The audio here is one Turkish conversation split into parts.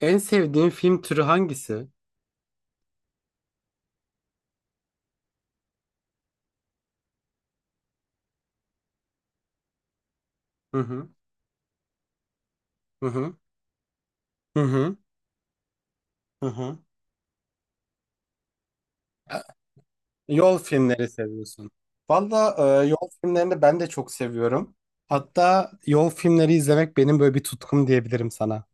En sevdiğin film türü hangisi? Hı hı. Hı hı. Hı hı. Hı hı. E, Yol filmleri seviyorsun. Valla yol filmlerini ben de çok seviyorum. Hatta yol filmleri izlemek benim böyle bir tutkum diyebilirim sana.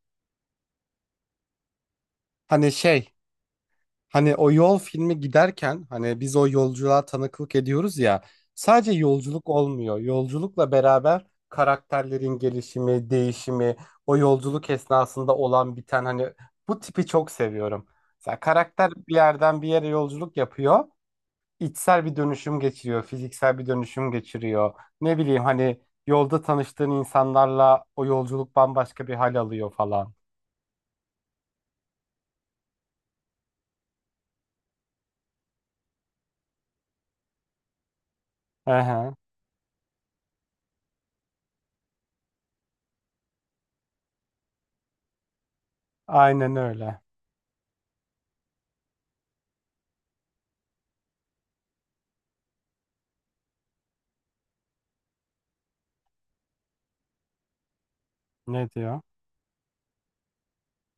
Hani şey. Hani o yol filmi giderken hani biz o yolculuğa tanıklık ediyoruz ya, sadece yolculuk olmuyor. Yolculukla beraber karakterlerin gelişimi, değişimi, o yolculuk esnasında olan biten hani bu tipi çok seviyorum. Mesela karakter bir yerden bir yere yolculuk yapıyor, içsel bir dönüşüm geçiriyor, fiziksel bir dönüşüm geçiriyor. Ne bileyim hani yolda tanıştığın insanlarla o yolculuk bambaşka bir hal alıyor falan. Hı hı. Aynen öyle. Ne diyor?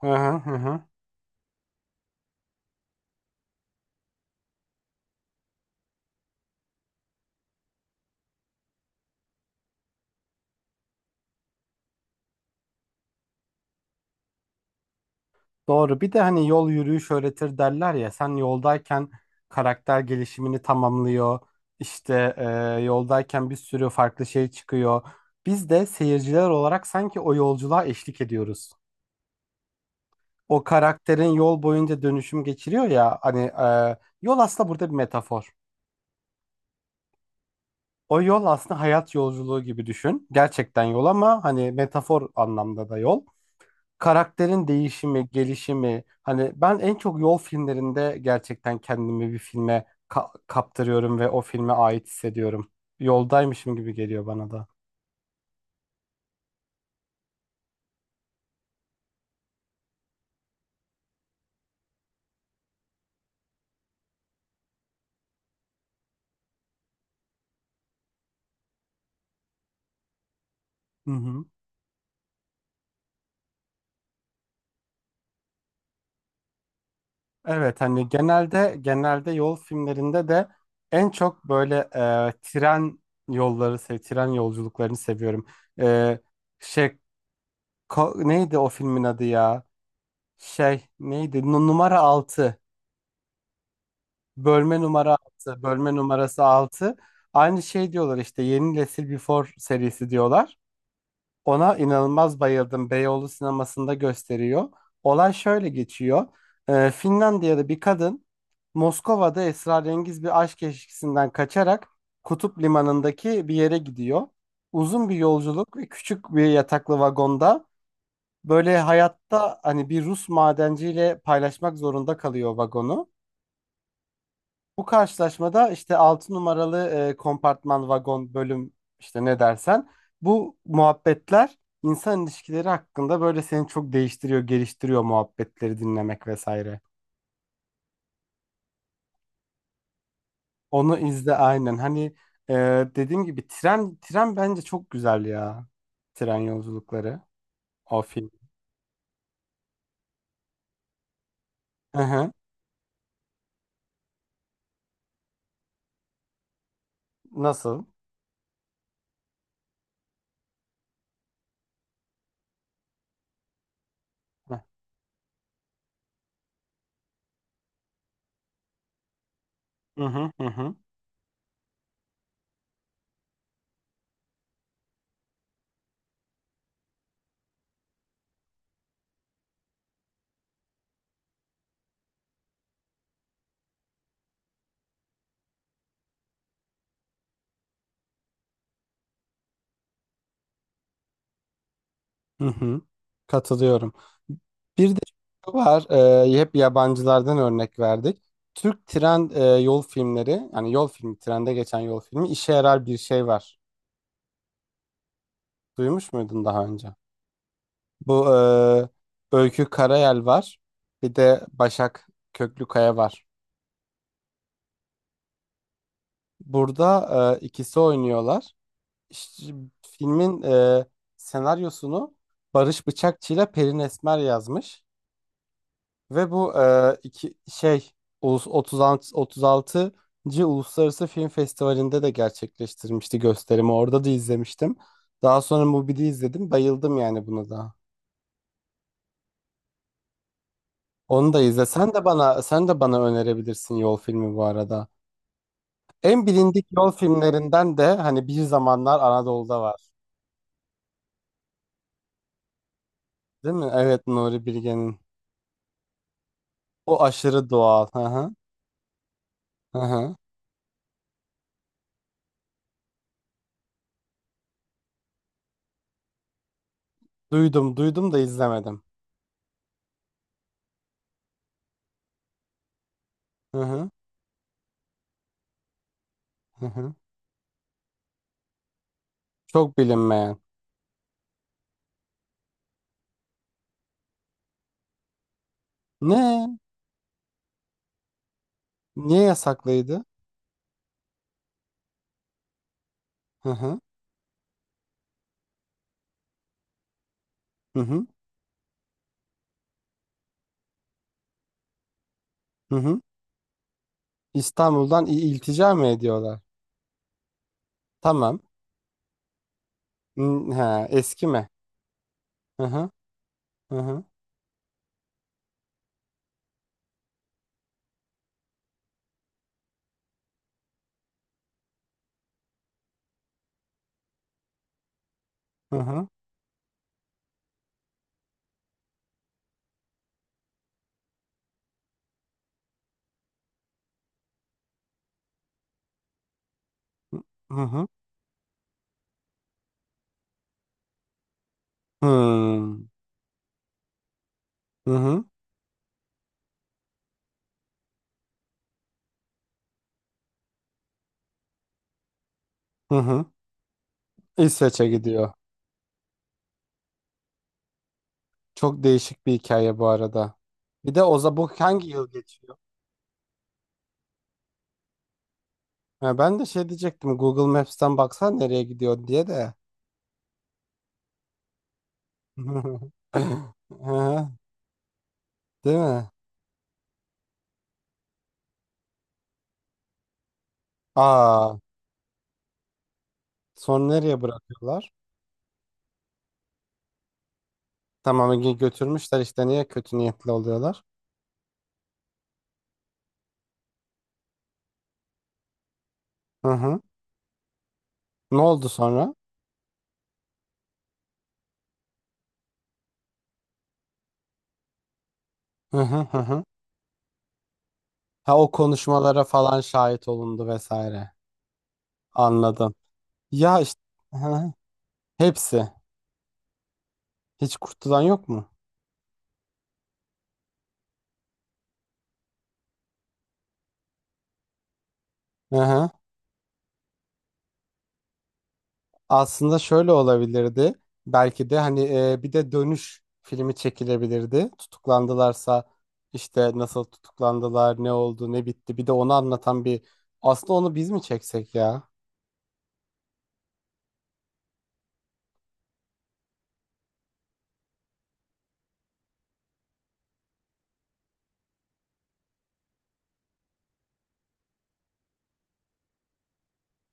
Hı hı hı, hı. Doğru. Bir de hani yol yürüyüş öğretir derler ya. Sen yoldayken karakter gelişimini tamamlıyor. İşte yoldayken bir sürü farklı şey çıkıyor. Biz de seyirciler olarak sanki o yolculuğa eşlik ediyoruz. O karakterin yol boyunca dönüşüm geçiriyor ya. Hani yol aslında burada bir metafor. O yol aslında hayat yolculuğu gibi düşün. Gerçekten yol ama hani metafor anlamda da yol. Karakterin değişimi, gelişimi hani ben en çok yol filmlerinde gerçekten kendimi bir filme kaptırıyorum ve o filme ait hissediyorum. Yoldaymışım gibi geliyor bana da. Hı hı. Evet, hani genelde yol filmlerinde de en çok böyle tren yolları, tren yolculuklarını seviyorum. E, şey, neydi o filmin adı ya? Şey neydi? Numara altı. Bölme numara 6, bölme numarası 6. Aynı şey diyorlar işte, yeni nesil Before serisi diyorlar. Ona inanılmaz bayıldım. Beyoğlu sinemasında gösteriyor. Olay şöyle geçiyor. Finlandiya'da bir kadın Moskova'da esrarengiz bir aşk ilişkisinden kaçarak Kutup Limanı'ndaki bir yere gidiyor. Uzun bir yolculuk ve küçük bir yataklı vagonda böyle hayatta hani bir Rus madenciyle paylaşmak zorunda kalıyor vagonu. Bu karşılaşmada işte 6 numaralı kompartman, vagon, bölüm, işte ne dersen, bu muhabbetler insan ilişkileri hakkında böyle seni çok değiştiriyor, geliştiriyor, muhabbetleri dinlemek vesaire. Onu izle aynen. Hani e, dediğim gibi tren bence çok güzel ya. Tren yolculukları. O film. Hı hı. Nasıl? Hı hı hı, hı. Hı hı. Katılıyorum. Bir de şu var, hep yabancılardan örnek verdik. Türk tren yol filmleri, yani yol filmi, trende geçen yol filmi, işe yarar bir şey var. Duymuş muydun daha önce? Bu Öykü Karayel var, bir de Başak Köklükaya var. Burada ikisi oynuyorlar. İşte filmin senaryosunu Barış Bıçakçı ile Pelin Esmer yazmış. Ve bu iki şey, Ulus 36. Uluslararası Film Festivali'nde de gerçekleştirmişti gösterimi. Orada da izlemiştim. Daha sonra Mubi'de izledim. Bayıldım yani buna da. Onu da izle. Sen de bana önerebilirsin yol filmi bu arada. En bilindik yol filmlerinden de hani Bir Zamanlar Anadolu'da var. Değil mi? Evet, Nuri Bilge'nin. O aşırı doğal. Hı hı. Hı hı. Duydum, duydum da izlemedim. Hı hı. Hı hı. Çok bilinmeyen. Ne? Niye yasaklıydı? Hı hı. Hı hı. Hı hı. İstanbul'dan iltica mı ediyorlar? Tamam. Hı, ha, eski mi? Hı hı. Hı hı. Hı hı. Hı hı. Hmm. Hı hı. Hı hı. İsveç'e gidiyor. Çok değişik bir hikaye bu arada. Bir de Oza, bu hangi yıl geçiyor? Ha, ben de şey diyecektim. Google Maps'ten baksan nereye gidiyor diye de. Hı hı. Değil mi? Aa, sonra nereye bırakıyorlar? Tamam, Ege götürmüşler işte, niye kötü niyetli oluyorlar? Hı hı. Ne oldu sonra? Hı hı hı hı. Ha, o konuşmalara falan şahit olundu vesaire. Anladım. Ya işte, hı hı. Hepsi. Hiç kurtulan yok mu? Hı hı. Aslında şöyle olabilirdi. Belki de hani bir de dönüş filmi çekilebilirdi. Tutuklandılarsa işte nasıl tutuklandılar, ne oldu, ne bitti. Bir de onu anlatan bir, aslında onu biz mi çeksek ya?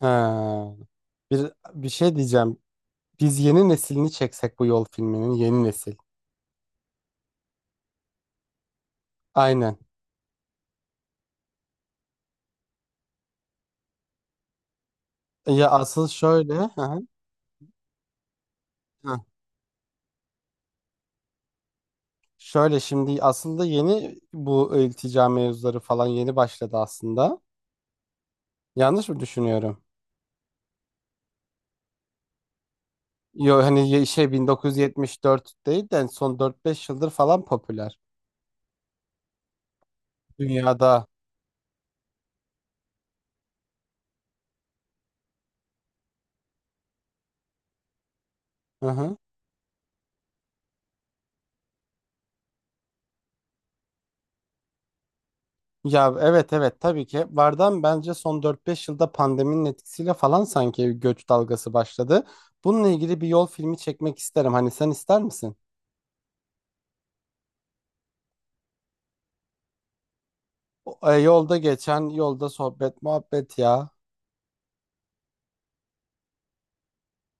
He. Bir şey diyeceğim. Biz yeni neslini çeksek bu yol filminin, yeni nesil. Aynen. Ya asıl şöyle, hı hı, hı. Şöyle şimdi, aslında yeni, bu iltica mevzuları falan yeni başladı aslında. Yanlış mı düşünüyorum? Yo, hani şey, 1974 değil de son 4-5 yıldır falan popüler dünyada. Hı hı. Ya evet evet tabii ki vardan, bence son 4-5 yılda pandeminin etkisiyle falan sanki göç dalgası başladı. Bununla ilgili bir yol filmi çekmek isterim. Hani sen ister misin? Yolda geçen, yolda sohbet muhabbet ya.